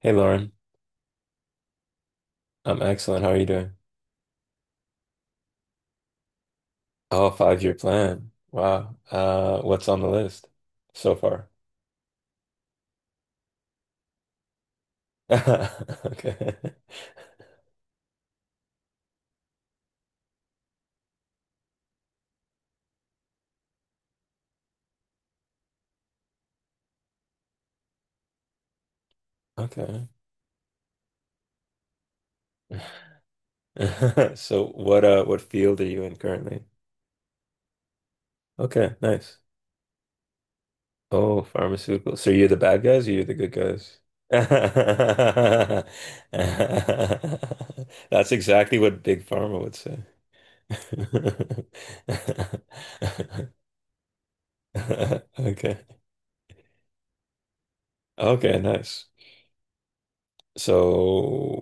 Hey Lauren. I'm excellent. How are you doing? Oh, five-year plan. Wow. What's on the list so far? Okay. Okay. So what field are you in currently? Okay, nice. Oh, pharmaceutical. So you're the bad guys or you're the good guys? That's exactly what Big Pharma would say. Okay. Okay, nice. So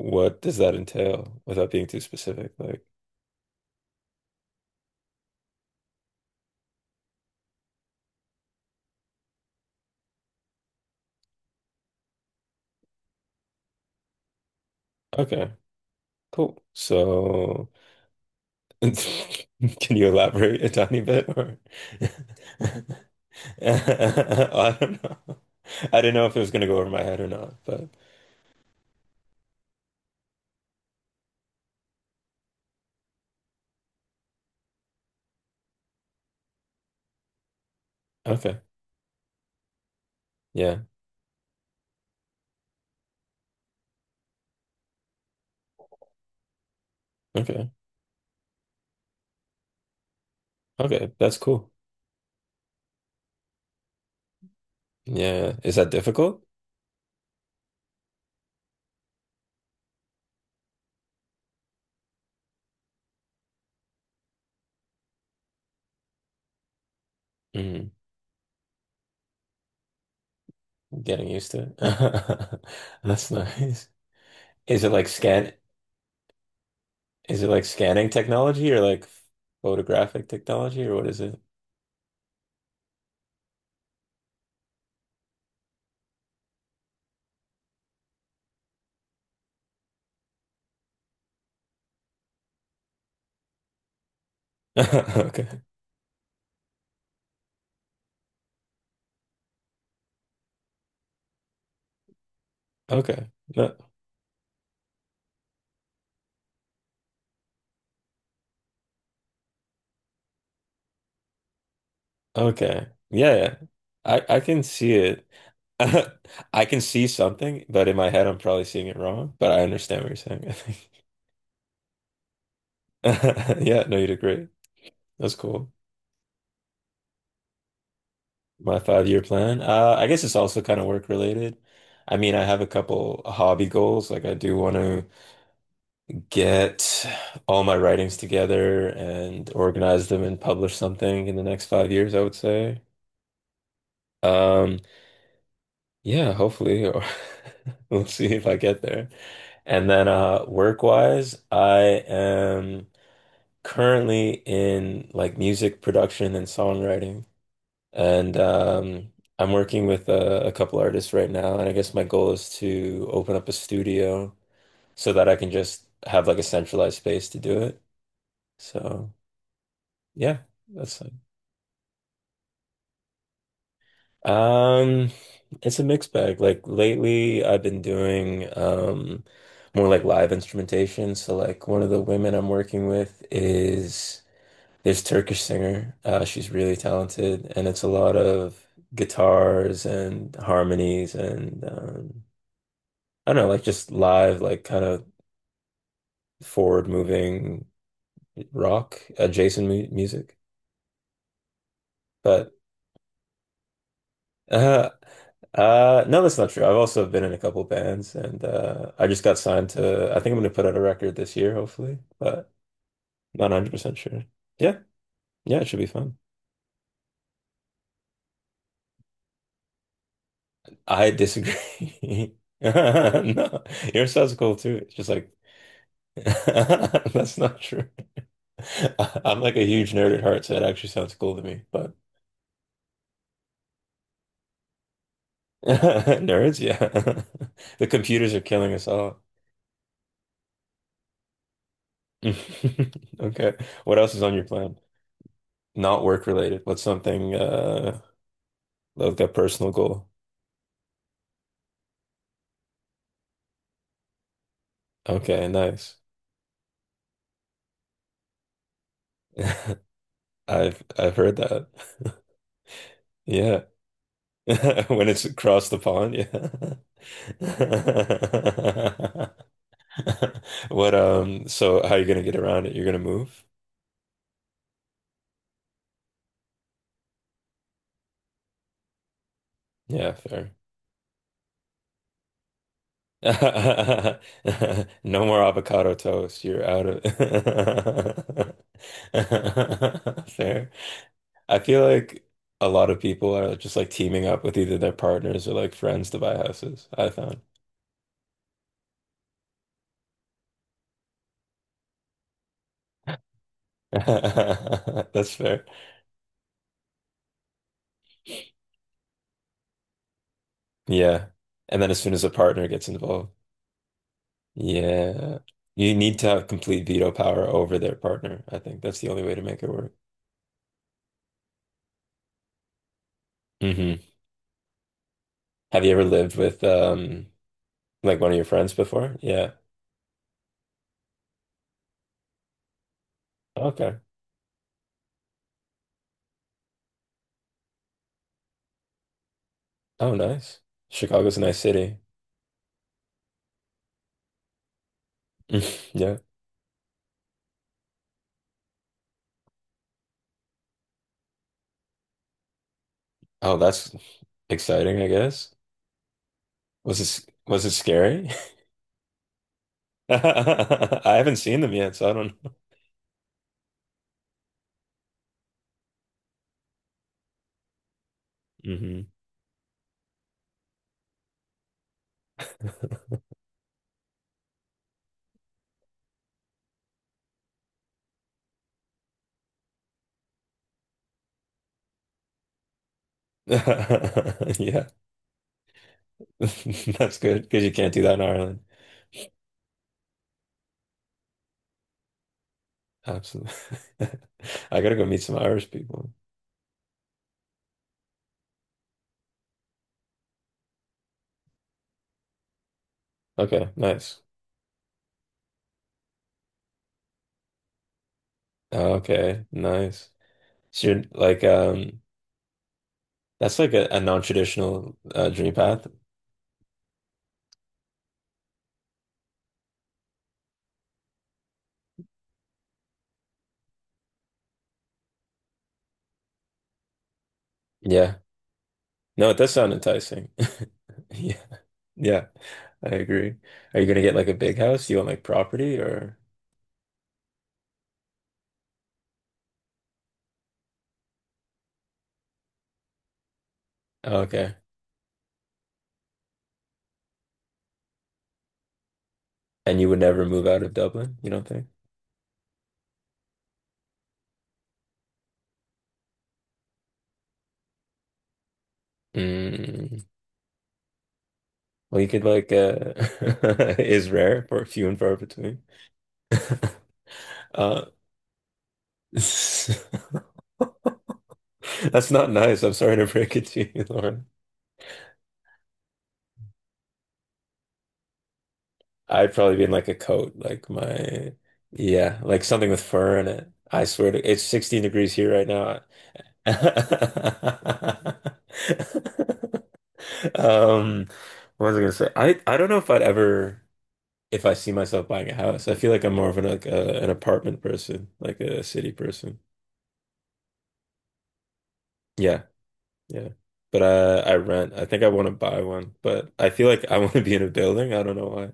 what does that entail without being too specific? Like, okay, cool. So can you elaborate a tiny bit or I don't know. I didn't know if it was gonna go over my head or not, but okay. Yeah. Okay. Okay, that's cool. Yeah. Is that difficult? Mm, getting used to it. That's nice. Is it like scan is it like scanning technology or like photographic technology, or what is it? Okay. Okay. No. Okay. Yeah, yeah. I can see it. I can see something, but in my head I'm probably seeing it wrong, but I understand what you're saying, I think. Yeah, no, you did great. That's cool. My five-year plan. I guess it's also kind of work related. I mean, I have a couple hobby goals. Like I do want to get all my writings together and organize them and publish something in the next 5 years, I would say. Um, Yeah, hopefully, or we'll see if I get there. And then work-wise, I am currently in like music production and songwriting. And I'm working with a couple artists right now, and I guess my goal is to open up a studio so that I can just have like a centralized space to do it. So, yeah, that's Um, it's a mixed bag. Like lately, I've been doing more like live instrumentation. So like one of the women I'm working with is this Turkish singer. She's really talented, and it's a lot of guitars and harmonies and I don't know, like just live, like kind of forward moving rock adjacent mu music. But Uh, no, that's not true. I've also been in a couple bands, and I just got signed to. I think I'm gonna put out a record this year, hopefully, but not 100% sure. Yeah, yeah, it should be fun. I disagree. No, yours sounds cool too. It's just like that's not true. I'm like a huge nerd at heart, so it actually sounds cool to me. But nerds, yeah, the computers are killing us all. Okay, what else is on your plan? Not work related. What's something like a personal goal? Okay, nice. I've heard that. Yeah. When it's across the pond, yeah. What so how are you gonna get around it? You're gonna move? Yeah, fair. No more avocado toast. You're out of fair. I feel like a lot of people are just like teaming up with either their partners or like friends to buy houses, I found. That's fair. Yeah. And then as soon as a partner gets involved, yeah. You need to have complete veto power over their partner. I think that's the only way to make it work. Hmm. Have you ever lived with like one of your friends before? Yeah. Okay. Oh, nice. Chicago's a nice city. Yeah. Oh, that's exciting, I guess. Was it scary? I haven't seen them yet, so I don't know. Hmm. Yeah, that's good because you can't do that in Ireland. Absolutely. I gotta go meet some Irish people. Okay, nice. Okay, nice. So you're like, that's like a non-traditional dream path. Yeah. No, it does sound enticing. Yeah, yeah, I agree. Are you gonna get like a big house? Do you want like property, or? Okay. And you would never move out of Dublin, you don't think? Mm. Well, you could like is rare for few and far between. Uh that's not nice. I'm sorry to break it to you, Lauren. I'd probably be in like a coat, like my yeah, like something with fur in it. I swear to it's 16 degrees here right now. Um, what was I gonna say? I don't know if I'd ever if I see myself buying a house. I feel like I'm more of an like an apartment person, like a city person. Yeah. Yeah. But I rent. I think I want to buy one, but I feel like I want to be in a building. I don't know why.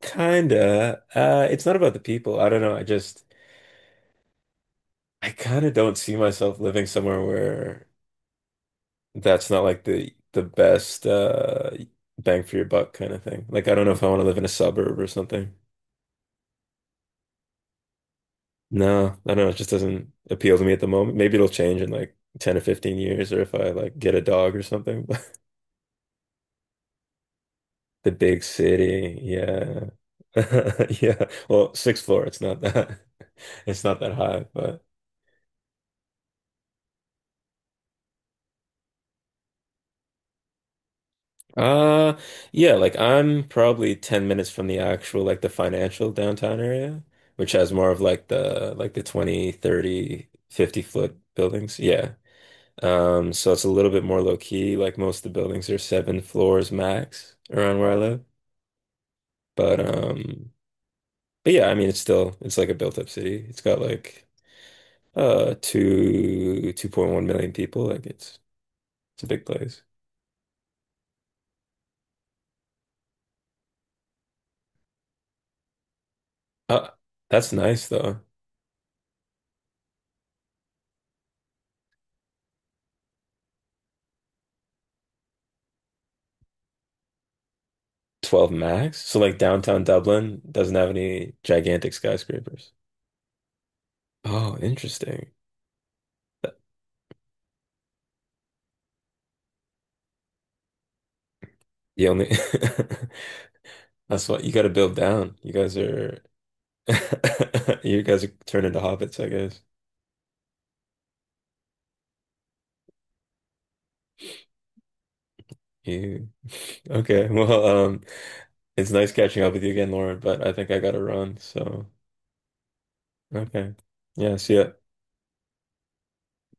Kinda. It's not about the people. I don't know. I just I kind of don't see myself living somewhere where that's not like the best bang for your buck kind of thing. Like I don't know if I want to live in a suburb or something. No, I don't know. It just doesn't appeal to me at the moment. Maybe it'll change in like 10 or 15 years or if I like get a dog or something. The big city, yeah. Yeah. Well, sixth floor, it's not that it's not that high, but uh yeah, like I'm probably 10 minutes from the actual like the financial downtown area, which has more of like the 20, 30, 50-foot buildings. Yeah. So it's a little bit more low key. Like most of the buildings are 7 floors max around where I live. But yeah, I mean it's still it's like a built up city. It's got like to 2.1 million people. Like it's a big place. Uh that's nice though. 12 max. So like downtown Dublin doesn't have any gigantic skyscrapers. Oh, interesting. That- The only that's what you got to build down. You guys are you guys are turning into hobbits, I guess. You okay. Well, it's nice catching up with you again, Lauren, but I think I gotta run, so okay. Yeah, see ya.